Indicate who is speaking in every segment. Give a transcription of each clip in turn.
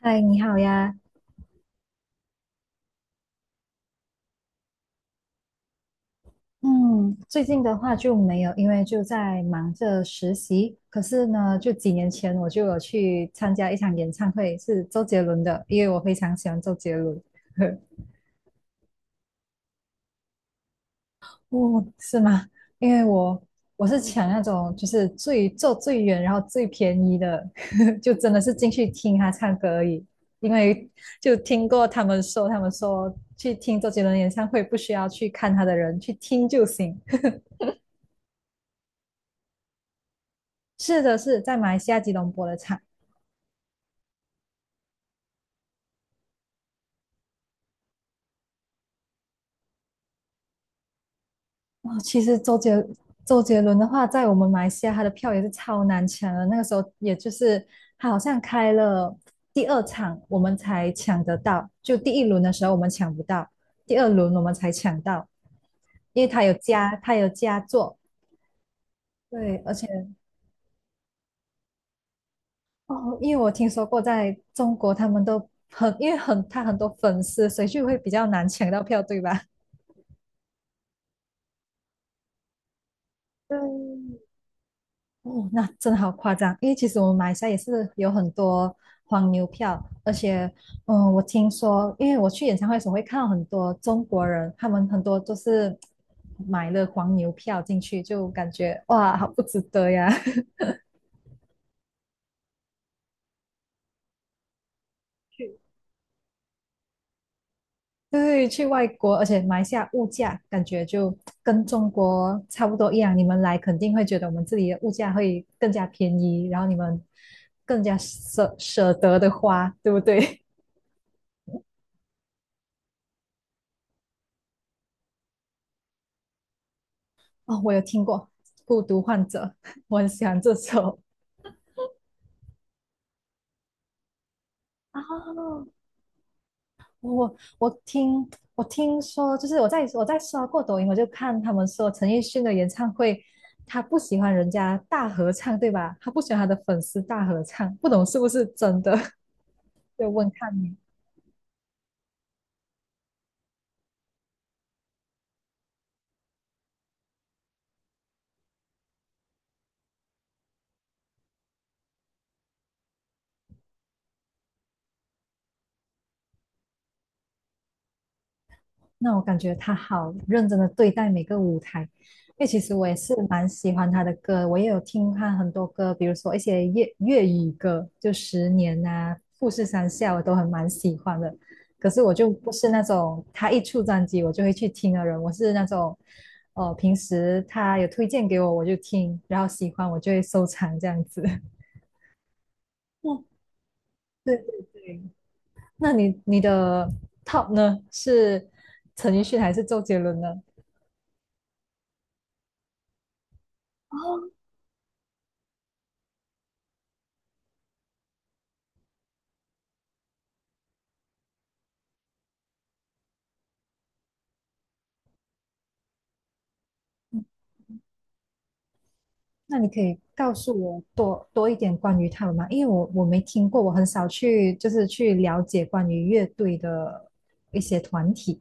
Speaker 1: 嗨，你好呀。嗯，最近的话就没有，因为就在忙着实习。可是呢，就几年前我就有去参加一场演唱会，是周杰伦的，因为我非常喜欢周杰伦。哦，是吗？因为我是抢那种就是最坐最远，然后最便宜的，就真的是进去听他唱歌而已。因为就听过他们说，他们说去听周杰伦演唱会不需要去看他的人，去听就行。是的，是在马来西亚吉隆坡的场。哦，其实周杰伦的话，在我们马来西亚他的票也是超难抢的。那个时候，也就是他好像开了第二场，我们才抢得到。就第一轮的时候我们抢不到，第二轮我们才抢到，因为他有加座。对，而且哦，因为我听说过在中国他们都很，因为很他很多粉丝，所以就会比较难抢到票，对吧？对，哦，那真的好夸张，因为其实我们马来西亚也是有很多黄牛票，而且，嗯，我听说，因为我去演唱会的时候会看到很多中国人，他们很多都是买了黄牛票进去，就感觉哇，好不值得呀。对，去外国，而且马来西亚物价感觉就跟中国差不多一样，你们来肯定会觉得我们这里的物价会更加便宜，然后你们更加舍得的花，对不对？哦，我有听过《孤独患者》，我很喜欢这首。哦，我我听我听说，就是我在刷过抖音，我就看他们说陈奕迅的演唱会，他不喜欢人家大合唱，对吧？他不喜欢他的粉丝大合唱，不懂是不是真的？就问看你。那我感觉他好认真的对待每个舞台，因为其实我也是蛮喜欢他的歌，我也有听他很多歌，比如说一些粤语歌，就《十年》啊，《富士山下》，我都很蛮喜欢的。可是我就不是那种他一出专辑我就会去听的人，我是那种，哦，平时他有推荐给我就听，然后喜欢我就会收藏这样子。嗯，对对对。那你的 top 呢？是陈奕迅还是周杰伦呢？那你可以告诉我多一点关于他们吗？因为我没听过，我很少去就是去了解关于乐队的一些团体。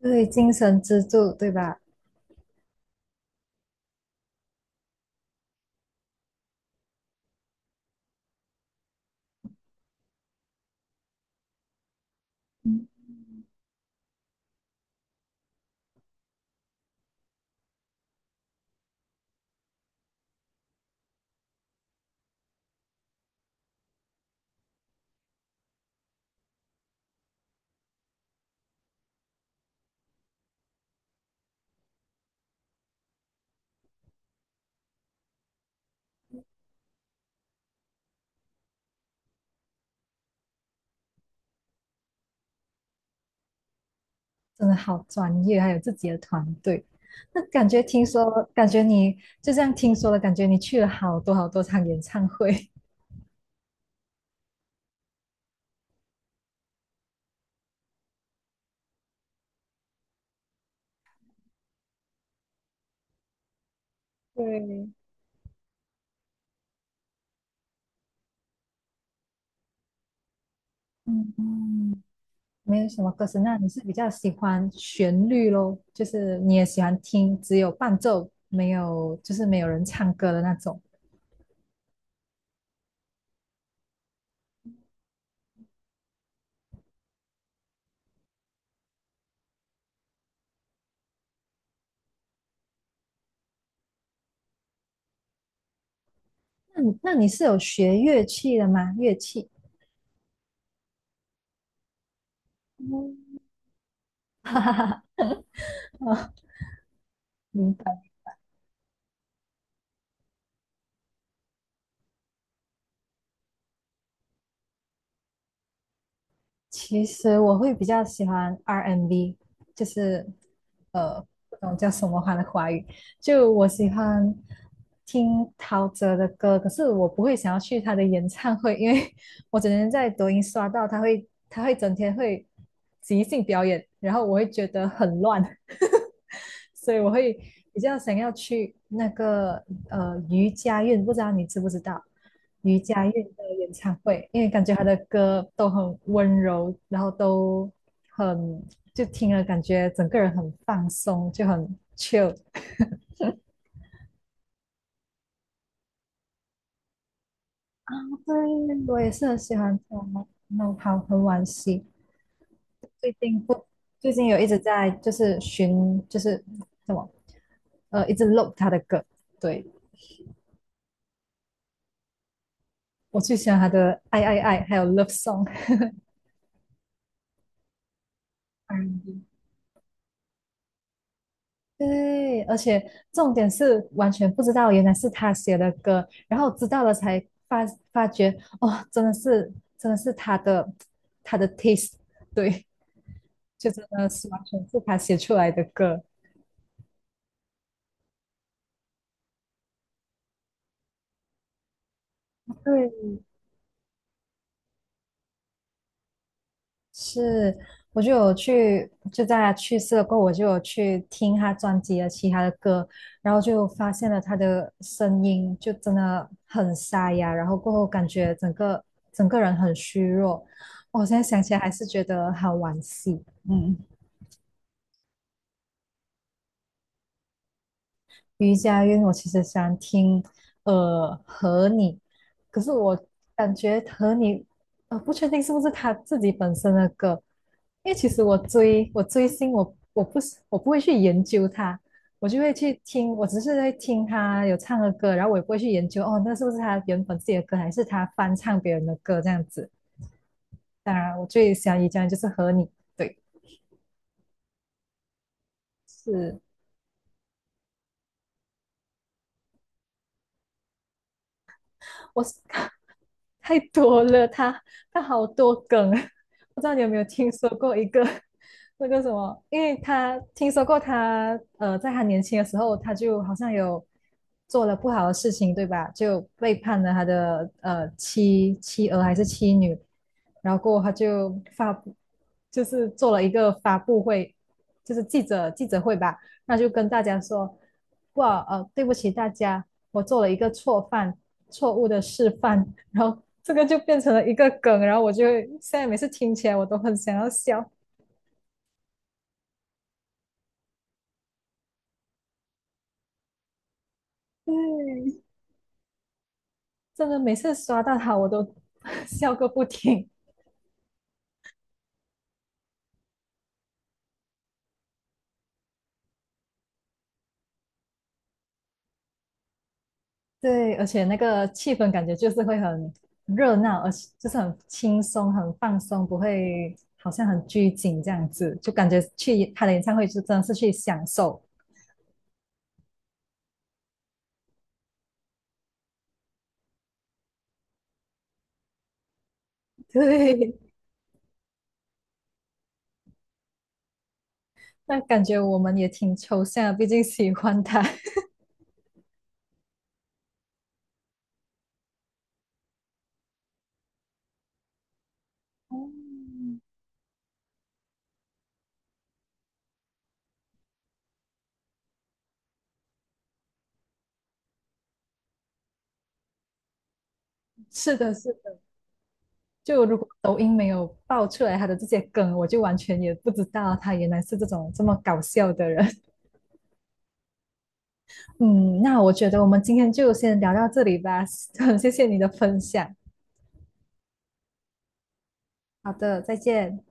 Speaker 1: 对，精神支柱，对吧？真的好专业，还有自己的团队。那感觉听说，感觉你就这样听说了，感觉你去了好多好多场演唱会。对，嗯嗯，没有什么歌词，那你是比较喜欢旋律咯，就是你也喜欢听只有伴奏，没有就是没有人唱歌的那种。那你是有学乐器的吗？乐器？嗯 哦，明白。其实我会比较喜欢 R&B，就是呃，不懂叫什么话的华语。就我喜欢听陶喆的歌，可是我不会想要去他的演唱会，因为我整天在抖音刷到他会，他会整天会即兴表演，然后我会觉得很乱。所以我会比较想要去那个余佳运，不知道你知不知道余佳运的演唱会，因为感觉他的歌都很温柔，然后都很就听了感觉整个人很放松，就很 chill。对，我也是很喜欢他，种，那好，很惋惜，最近不最近有一直在就是寻就是什么一直 look 他的歌，对我最喜欢他的爱，还有 love song。对，而且重点是完全不知道原来是他写的歌，然后知道了才发发觉，哦，真的是他的他的 taste，对，就真的是完全是他写出来的歌。对。是，我就有去，就在他去世了过后，我就有去听他专辑的其他的歌，然后就发现了他的声音就真的很沙哑，然后过后感觉整个人很虚弱，我现在想起来还是觉得好惋惜。嗯瑜伽音，因为我其实想听和你，可是我感觉和你不确定是不是他自己本身的歌，因为其实我追星，我不会去研究他，我就会去听，我只是在听他有唱的歌，然后我也不会去研究哦，那是不是他原本自己的歌，还是他翻唱别人的歌这样子。当然，我最想瑜伽就是和你，对，是。我 太多了，他他好多梗啊，不知道你有没有听说过一个 那个什么？因为他听说过他在他年轻的时候，他就好像有做了不好的事情，对吧？就背叛了他的妻儿还是妻女，然后过后他就发布，就是做了一个发布会，就是记者会吧，那就跟大家说，哇对不起大家，我做了一个错犯，错误的示范，然后这个就变成了一个梗，然后我就现在每次听起来我都很想要笑，嗯，真的每次刷到他我都 笑个不停，对，而且那个气氛感觉就是会很热闹，而且就是很轻松、很放松，不会好像很拘谨这样子，就感觉去他的演唱会就真的是去享受，对，那感觉我们也挺抽象的，毕竟喜欢他。嗯是的，是就如果抖音没有爆出来他的这些梗，我就完全也不知道他原来是这种这么搞笑的人。嗯，那我觉得我们今天就先聊到这里吧，很谢谢你的分享。好的，再见。